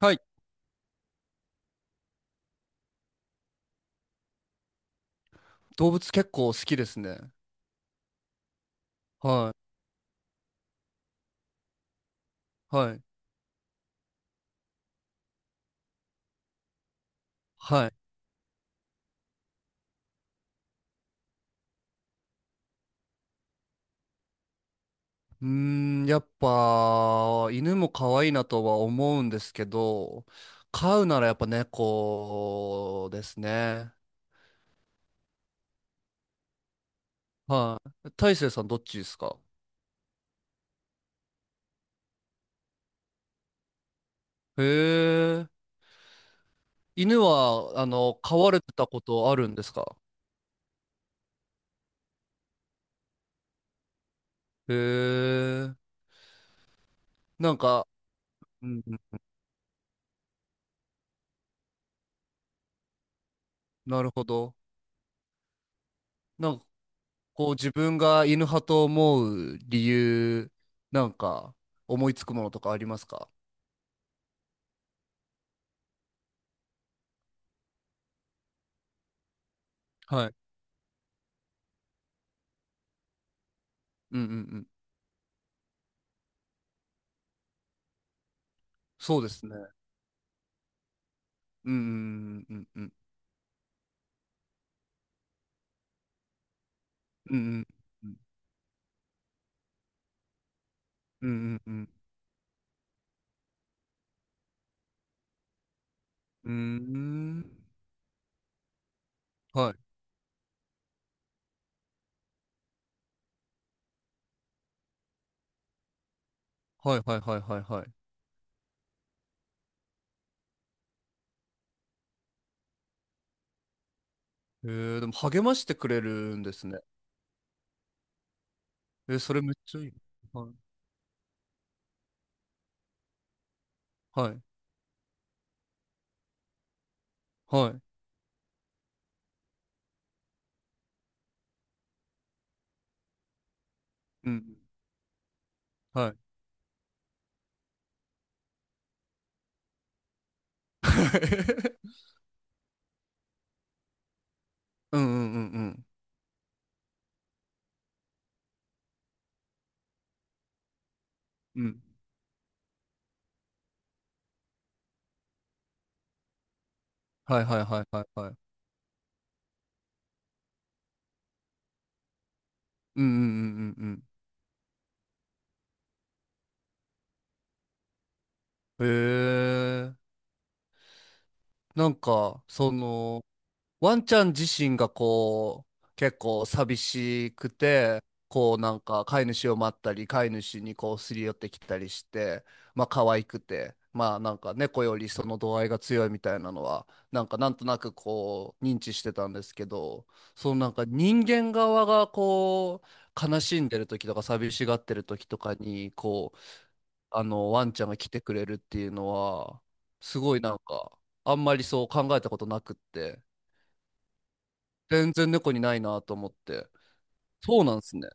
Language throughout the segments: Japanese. はい。動物結構好きですね。はい。はい。はい。うーん、やっぱ、犬も可愛いなとは思うんですけど、飼うならやっぱ猫ですね。はい。大成さんどっちですか？へえ。犬は、飼われてたことあるんですか？へえ。なんか、うんうん、なるほど。なんか、こう自分が犬派と思う理由、なんか、思いつくものとかありますか？はい。うんうんうん。そうですね。うんうんうんうんうんうんうんうんうんうんうーん。はい。はいはいはいはいはい。えー、でも励ましてくれるんですね。えー、それめっちゃいい。はい。はい。はい。うん。はい。うんうんうんうんうん。はいはいはいはいはい。うんうんうんうんうん。えー、なんか、その、ワンちゃん自身がこう、結構寂しくて、こうなんか飼い主を待ったり、飼い主にこうすり寄ってきたりして、まあ可愛くて、まあなんか猫よりその度合いが強いみたいなのは、なんかなんとなくこう認知してたんですけど、そのなんか人間側がこう、悲しんでる時とか寂しがってる時とかに、こう、あのワンちゃんが来てくれるっていうのは、すごいなんか、あんまりそう考えたことなくって。全然猫にないなと思って。そうなんですね。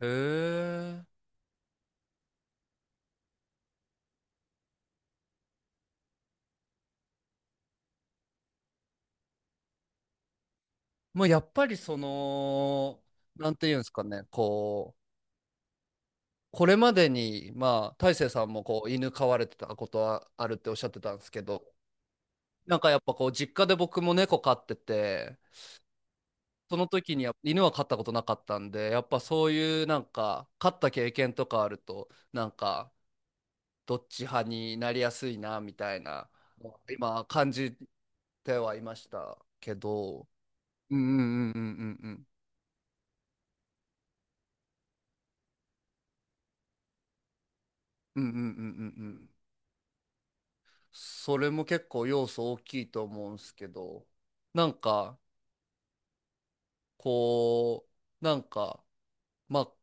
へえ。まあやっぱりその、なんていうんですかね、こう、これまでに、まあ、大成さんもこう犬飼われてたことはあるっておっしゃってたんですけど、なんかやっぱこう、実家で僕も猫飼ってて、その時にやっぱ犬は飼ったことなかったんで、やっぱそういうなんか、飼った経験とかあると、なんか、どっち派になりやすいな、みたいな、今感じてはいましたけど、うんうんうんうんうんうんうんうんうんうんうん。それも結構要素大きいと思うんすけど、なんかこうなんかまあ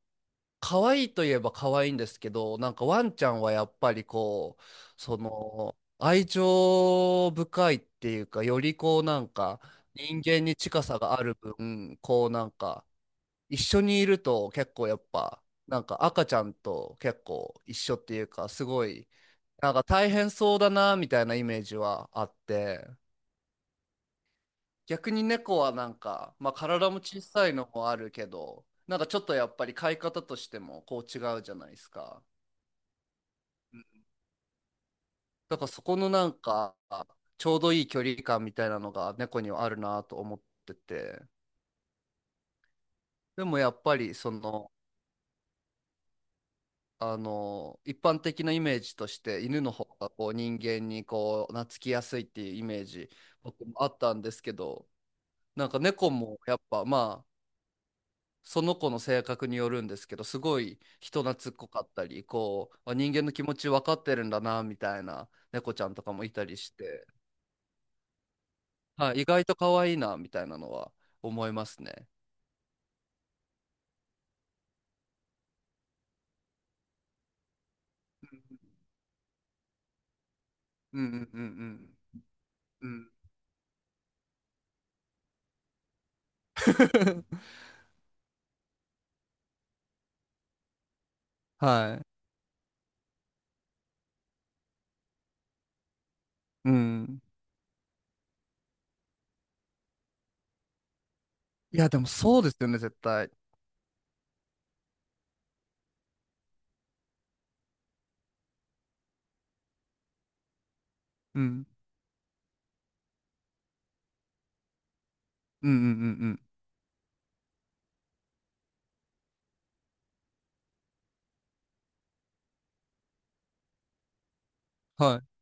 可愛いといえば可愛いんですけど、なんかワンちゃんはやっぱりこうその愛情深いっていうか、よりこうなんか人間に近さがある分こうなんか一緒にいると結構やっぱなんか赤ちゃんと結構一緒っていうか、すごいなんか大変そうだなみたいなイメージはあって、逆に猫はなんか、まあ体も小さいのもあるけど、なんかちょっとやっぱり飼い方としてもこう違うじゃないですか。だからそこのなんか、ちょうどいい距離感みたいなのが猫にはあるなと思ってて、でもやっぱりその、あの、一般的なイメージとして犬の方がこう人間にこう懐きやすいっていうイメージ僕もあったんですけど、なんか猫もやっぱまあ、その子の性格によるんですけど、すごい人懐っこかったり、こう、あ人間の気持ち分かってるんだな、みたいな猫ちゃんとかもいたりして、はい、意外と可愛いな、みたいなのは思いますね。うんうんうんうん。うん。はい。うん。いや、でもそうですよね、絶対。うん。うんうんうんうん。はい。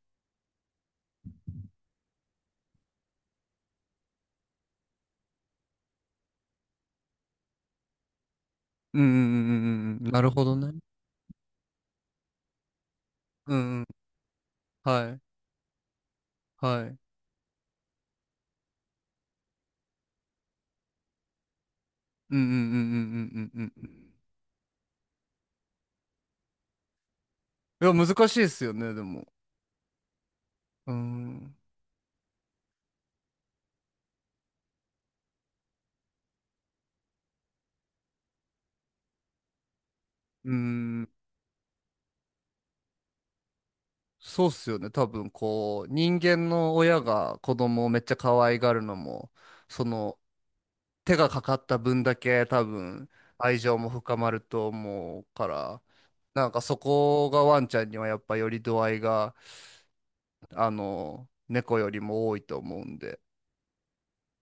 うんうんうんうんうんうん。なるほどね。うんうん。はい。はい。うんうんうんうんうんうんうん。いや、難しいですよね、でも。うん。うん。そうっすよね。多分こう、人間の親が子供をめっちゃ可愛がるのも、その手がかかった分だけ多分愛情も深まると思うから、なんかそこがワンちゃんにはやっぱより度合いが、あの、猫よりも多いと思うんで。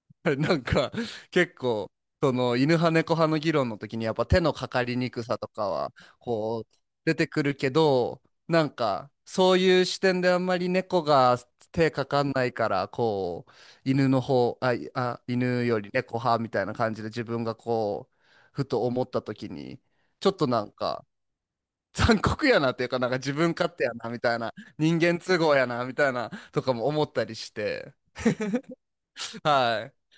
なんか結構その犬派猫派の議論の時にやっぱ手のかかりにくさとかはこう出てくるけど、なんかそういう視点であんまり猫が手かかんないからこう犬の方あ、いあ犬より猫派みたいな感じで自分がこうふと思った時にちょっとなんか残酷やなっていうか、なんか自分勝手やなみたいな人間都合やなみたいなとかも思ったりして、はい。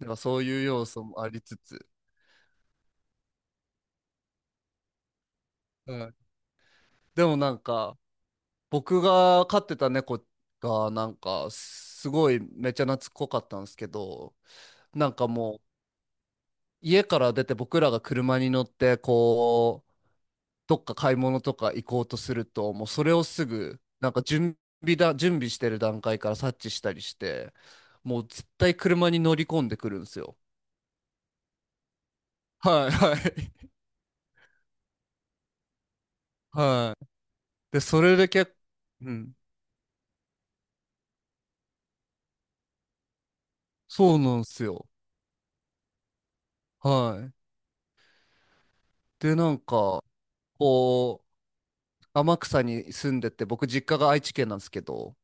でもそういう要素もありつつ。うん、でもなんか僕が飼ってた猫がなんかすごいめっちゃ懐っこかったんですけど、なんかもう家から出て僕らが車に乗ってこうどっか買い物とか行こうとするともうそれをすぐなんか準備してる段階から察知したりして、もう絶対車に乗り込んでくるんですよ。はいはいはい。でそれで結構、うん、そうなんですよ。はい。でなんかこう天草に住んでて、僕実家が愛知県なんですけど、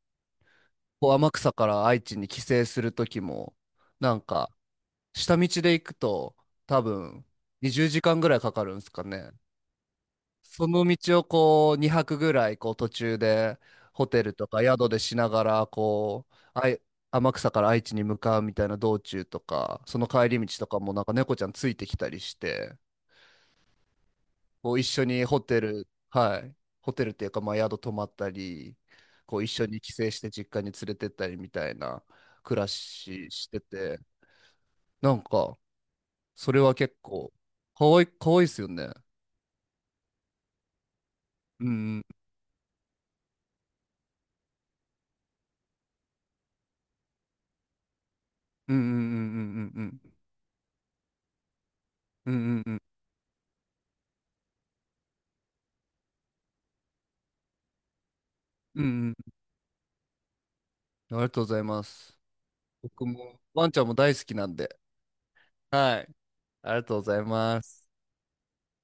こう天草から愛知に帰省するときも、なんか、下道で行くと、多分、20時間ぐらいかかるんですかね。その道をこう、2泊ぐらい、こう、途中で、ホテルとか宿でしながら、こう、天草から愛知に向かうみたいな道中とか、その帰り道とかもなんか猫ちゃんついてきたりして、こう一緒にホテル、はい、ホテルっていうか、まあ宿泊まったり、こう一緒に帰省して実家に連れてったりみたいな暮らししてて、なんか、それは結構、かわいいですよね。うんうんうんうんうんうんうんうんうんうんうん。ありがとうございます。僕も、ワンちゃんも大好きなんで。はい。ありがとうございます。